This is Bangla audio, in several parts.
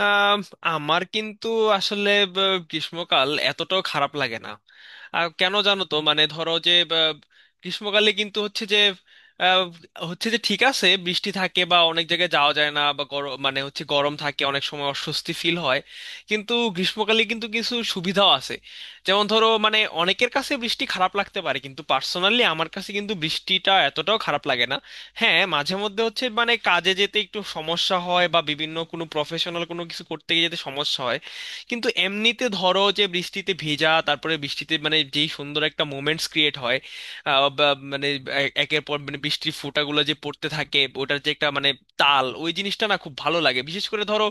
আম, আমার কিন্তু আসলে ব- গ্রীষ্মকাল এতটাও খারাপ লাগে না। আর কেন জানো তো? মানে ধরো যে গ্রীষ্মকালে কিন্তু আহ, হচ্ছে যে ঠিক আছে, বৃষ্টি থাকে বা অনেক জায়গায় যাওয়া যায় না, বা গরম মানে হচ্ছে গরম থাকে, অনেক সময় অস্বস্তি ফিল হয়। কিন্তু গ্রীষ্মকালে কিন্তু কিছু সুবিধাও আছে। যেমন ধরো, মানে অনেকের কাছে বৃষ্টি খারাপ লাগতে পারে, কিন্তু পার্সোনালি আমার কাছে কিন্তু বৃষ্টিটা এতটাও খারাপ লাগে না। হ্যাঁ, মাঝে মধ্যে হচ্ছে মানে কাজে যেতে একটু সমস্যা হয়, বা বিভিন্ন কোনো প্রফেশনাল কোনো কিছু করতে গিয়ে যেতে সমস্যা হয়। কিন্তু এমনিতে ধরো যে বৃষ্টিতে ভেজা, তারপরে বৃষ্টিতে মানে যেই সুন্দর একটা মোমেন্টস ক্রিয়েট হয়, বা মানে একের পর মানে বৃষ্টির ফোঁটাগুলো যে পড়তে থাকে, ওটার যে একটা মানে তাল, ওই জিনিসটা না খুব ভালো লাগে। বিশেষ করে ধরো,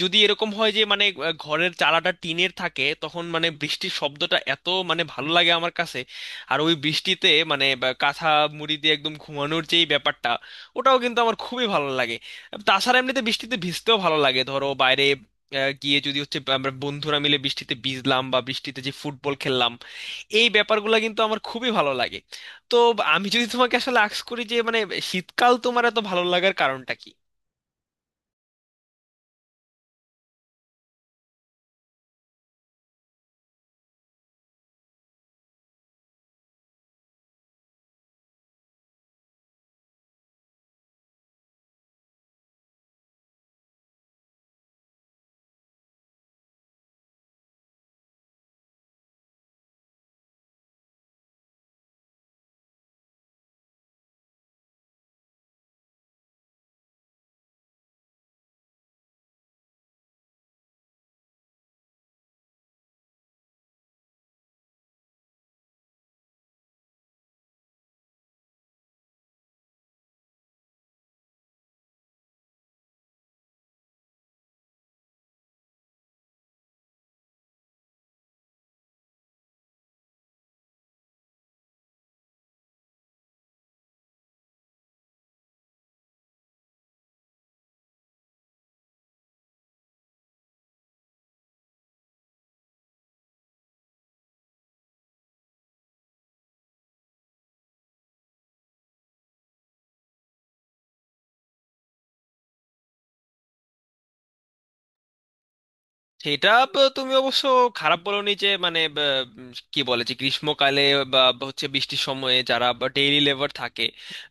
যদি এরকম হয় যে মানে ঘরের চালাটা টিনের থাকে, তখন মানে বৃষ্টির শব্দটা এত মানে ভালো লাগে আমার কাছে। আর ওই বৃষ্টিতে মানে বা কাঁথা মুড়ি দিয়ে একদম ঘুমানোর যেই ব্যাপারটা, ওটাও কিন্তু আমার খুবই ভালো লাগে। তাছাড়া এমনিতে বৃষ্টিতে ভিজতেও ভালো লাগে। ধরো বাইরে গিয়ে যদি হচ্ছে আমরা বন্ধুরা মিলে বৃষ্টিতে ভিজলাম, বা বৃষ্টিতে যে ফুটবল খেললাম, এই ব্যাপারগুলো কিন্তু আমার খুবই ভালো লাগে। তো আমি যদি তোমাকে আসলে আস্ক করি, যে মানে শীতকাল তোমার এত ভালো লাগার কারণটা কি? সেটা তুমি অবশ্য খারাপ বলনি। যে মানে কি বলে, যে গ্রীষ্মকালে বা বা হচ্ছে বৃষ্টির সময়ে যারা ডেইলি লেবার থাকে,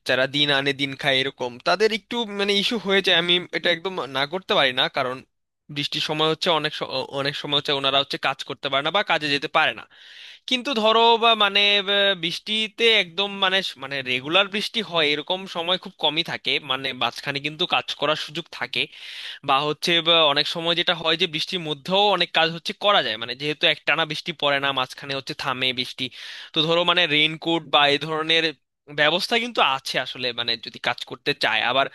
যারা দিন আনে দিন খায় এরকম তাদের একটু মানে ইস্যু হয়ে যায়। আমি এটা একদম না করতে পারি না, কারণ বৃষ্টির সময় হচ্ছে অনেক সময় হচ্ছে ওনারা হচ্ছে কাজ করতে পারে না বা কাজে যেতে পারে না। কিন্তু ধরো বা মানে বৃষ্টিতে একদম মানে মানে রেগুলার বৃষ্টি হয় এরকম সময় খুব কমই থাকে, মানে মাঝখানে কিন্তু কাজ করার সুযোগ থাকে। বা হচ্ছে বা অনেক সময় যেটা হয় যে বৃষ্টির মধ্যেও অনেক কাজ হচ্ছে করা যায়, মানে যেহেতু একটানা বৃষ্টি পড়ে না, মাঝখানে হচ্ছে থামে বৃষ্টি। তো ধরো মানে রেইনকোট বা এই ধরনের ব্যবস্থা কিন্তু আছে আসলে, মানে যদি কাজ করতে চায়। আবার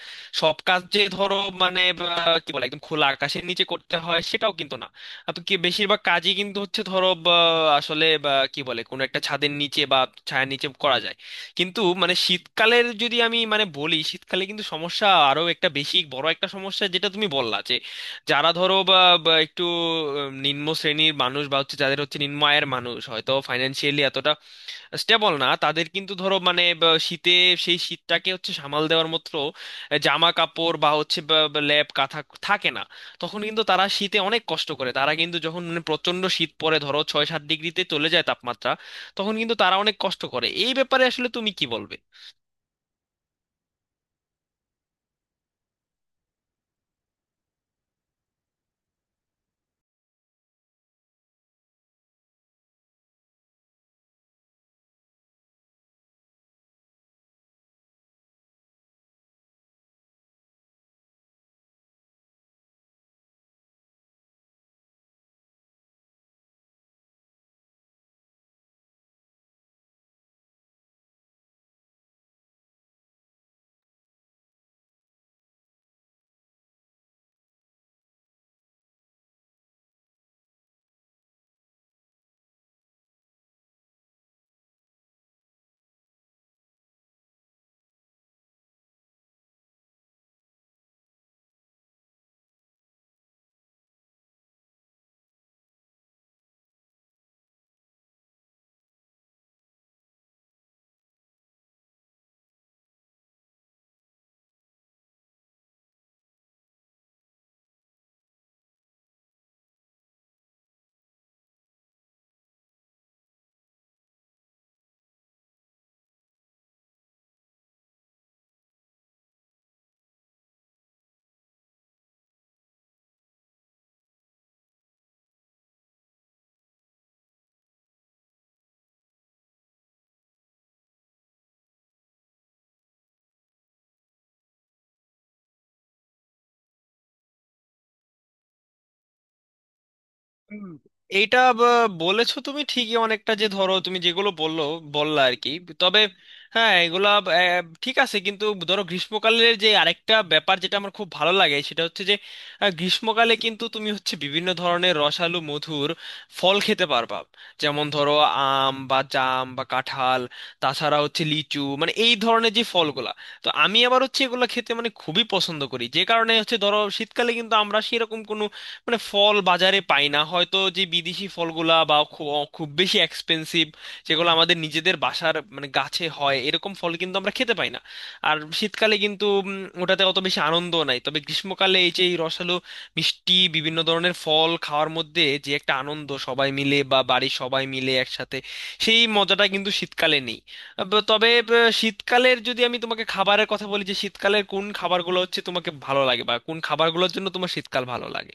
সব কাজ যে ধরো মানে কি বলে একদম খোলা আকাশের নিচে করতে হয় সেটাও কিন্তু না। তো কি বেশিরভাগ কাজই কিন্তু হচ্ছে ধরো আসলে কি বলে কোনো একটা ছাদের নিচে বা ছায়ার নিচে করা যায়। কিন্তু মানে শীতকালের যদি আমি মানে বলি, শীতকালে কিন্তু সমস্যা আরো একটা, বেশি বড় একটা সমস্যা, যেটা তুমি বললা যে যারা ধরো বা বা একটু নিম্ন শ্রেণীর মানুষ বা হচ্ছে যাদের হচ্ছে নিম্ন আয়ের মানুষ, হয়তো ফাইন্যান্সিয়ালি এতটা স্টেবল না, তাদের কিন্তু ধরো মানে শীতে সেই শীতটাকে হচ্ছে সামাল দেওয়ার মতো জামা কাপড় বা হচ্ছে ল্যাপ কাঁথা থাকে না। তখন কিন্তু তারা শীতে অনেক কষ্ট করে। তারা কিন্তু যখন মানে প্রচণ্ড শীত পড়ে, ধরো 6-7 ডিগ্রিতে চলে যায় তাপমাত্রা, তখন কিন্তু তারা অনেক কষ্ট করে। এই ব্যাপারে আসলে তুমি কি বলবে? হুম। এইটা বলেছো তুমি ঠিকই অনেকটা, যে ধরো তুমি যেগুলো বললা আর কি। তবে হ্যাঁ, এগুলা ঠিক আছে কিন্তু ধরো গ্রীষ্মকালের যে আরেকটা ব্যাপার যেটা আমার খুব ভালো লাগে, সেটা হচ্ছে যে গ্রীষ্মকালে কিন্তু তুমি হচ্ছে বিভিন্ন ধরনের রসালো মধুর ফল খেতে পারবা। যেমন ধরো আম বা জাম বা কাঁঠাল, তাছাড়া হচ্ছে লিচু মানে এই ধরনের যে ফলগুলা। তো আমি আবার হচ্ছে এগুলো খেতে মানে খুবই পছন্দ করি। যে কারণে হচ্ছে ধরো শীতকালে কিন্তু আমরা সেরকম কোনো মানে ফল বাজারে পাই না হয়তো, যে বিদেশি ফলগুলা বা খুব খুব বেশি এক্সপেন্সিভ, যেগুলো আমাদের নিজেদের বাসার মানে গাছে হয় এরকম ফল কিন্তু আমরা খেতে পাই না। আর শীতকালে কিন্তু ওটাতে অত বেশি আনন্দ নাই। তবে গ্রীষ্মকালে এই যে এই রসালো মিষ্টি বিভিন্ন ধরনের ফল খাওয়ার মধ্যে যে একটা আনন্দ, সবাই মিলে বা বাড়ির সবাই মিলে একসাথে, সেই মজাটা কিন্তু শীতকালে নেই। তবে শীতকালের যদি আমি তোমাকে খাবারের কথা বলি, যে শীতকালের কোন খাবারগুলো হচ্ছে তোমাকে ভালো লাগে, বা কোন খাবারগুলোর জন্য তোমার শীতকাল ভালো লাগে?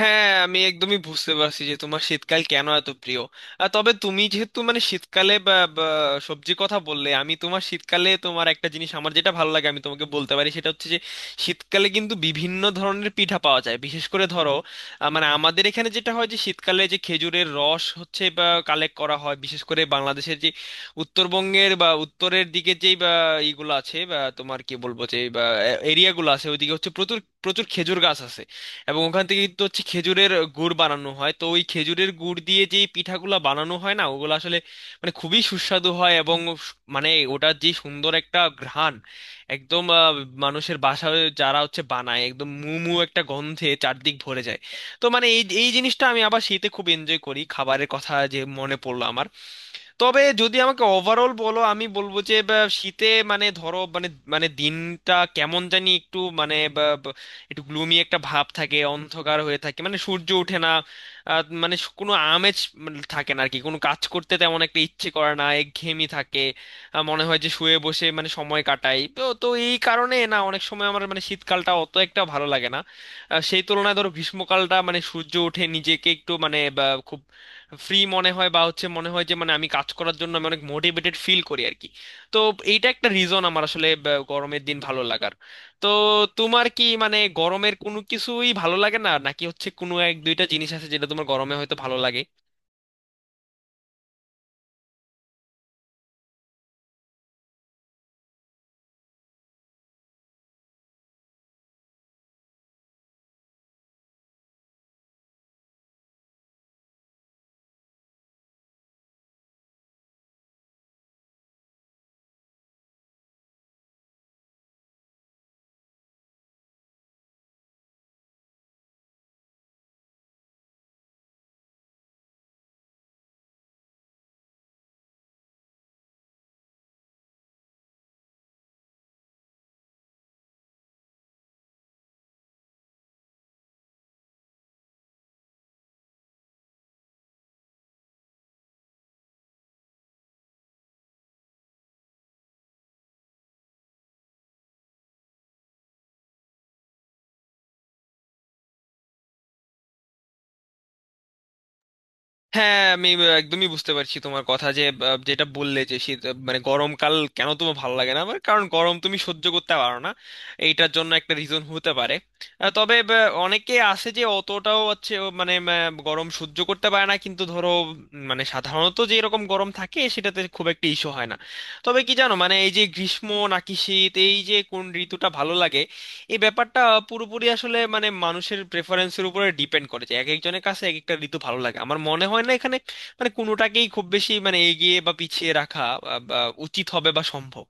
হ্যাঁ, আমি একদমই বুঝতে পারছি যে তোমার শীতকাল কেন এত প্রিয়। তবে তুমি যেহেতু মানে শীতকালে বা সবজির কথা বললে, আমি তোমার শীতকালে তোমার একটা জিনিস আমার যেটা ভালো লাগে আমি তোমাকে বলতে পারি। সেটা হচ্ছে যে শীতকালে কিন্তু বিভিন্ন ধরনের পিঠা পাওয়া যায়। বিশেষ করে ধরো মানে আমাদের এখানে যেটা হয় যে শীতকালে যে খেজুরের রস হচ্ছে বা কালেক্ট করা হয়, বিশেষ করে বাংলাদেশের যে উত্তরবঙ্গের বা উত্তরের দিকে, যেই বা এইগুলো আছে, বা তোমার কি বলবো যে বা এরিয়াগুলো আছে, ওইদিকে হচ্ছে প্রচুর প্রচুর খেজুর গাছ আছে। এবং ওখান থেকে কিন্তু হচ্ছে খেজুরের গুড় বানানো হয়। তো ওই খেজুরের গুড় দিয়ে যেই পিঠাগুলো বানানো হয় না, ওগুলো আসলে মানে খুবই সুস্বাদু হয়। এবং মানে ওটার যে সুন্দর একটা ঘ্রাণ একদম মানুষের বাসায় যারা হচ্ছে বানায়, একদম মু মু একটা গন্ধে চারদিক ভরে যায়। তো মানে এই এই জিনিসটা আমি আবার শীতে খুব এনজয় করি, খাবারের কথা যে মনে পড়লো আমার। তবে যদি আমাকে ওভারঅল বলো, আমি বলবো যে শীতে মানে ধরো মানে মানে দিনটা কেমন জানি একটু মানে বা, বা, একটু গ্লুমি একটা ভাব থাকে, অন্ধকার হয়ে থাকে, মানে সূর্য ওঠে না। মানে কোনো আমেজ মানে থাকে না আর কি, কোনো কাজ করতে তেমন একটা ইচ্ছে করে না, একঘেয়েমি থাকে। মনে হয় যে শুয়ে বসে মানে সময় কাটাই। তো তো এই কারণে না অনেক সময় আমার মানে শীতকালটা অত একটা ভালো লাগে না। সেই তুলনায় ধরো গ্রীষ্মকালটা মানে সূর্য ওঠে, নিজেকে একটু মানে খুব ফ্রি মনে হয়, বা হচ্ছে মনে হয় যে মানে আমি কাজ করার জন্য আমি অনেক মোটিভেটেড ফিল করি আর কি। তো এইটা একটা রিজন আমার আসলে গরমের দিন ভালো লাগার। তো তোমার কি মানে গরমের কোনো কিছুই ভালো লাগে না, নাকি হচ্ছে কোনো এক দুইটা জিনিস আছে যেটা তোমার গরমে হয়তো ভালো লাগে? হ্যাঁ, আমি একদমই বুঝতে পারছি তোমার কথা। যে যেটা বললে, যে শীত মানে গরমকাল কেন তোমার ভালো লাগে না, আমার কারণ গরম তুমি সহ্য করতে পারো না। এইটার জন্য একটা রিজন হতে পারে। তবে অনেকে আছে যে অতটাও হচ্ছে ও মানে গরম সহ্য করতে পারে না, কিন্তু ধরো মানে সাধারণত যে এরকম গরম থাকে সেটাতে খুব একটা ইস্যু হয় না। তবে কি জানো, মানে এই যে গ্রীষ্ম নাকি শীত, এই যে কোন ঋতুটা ভালো লাগে, এই ব্যাপারটা পুরোপুরি আসলে মানে মানুষের প্রেফারেন্সের উপরে ডিপেন্ড করে, যে এক একজনের কাছে এক একটা ঋতু ভালো লাগে। আমার মনে হয় না এখানে মানে কোনোটাকেই খুব বেশি মানে এগিয়ে বা পিছিয়ে রাখা বা উচিত হবে বা সম্ভব।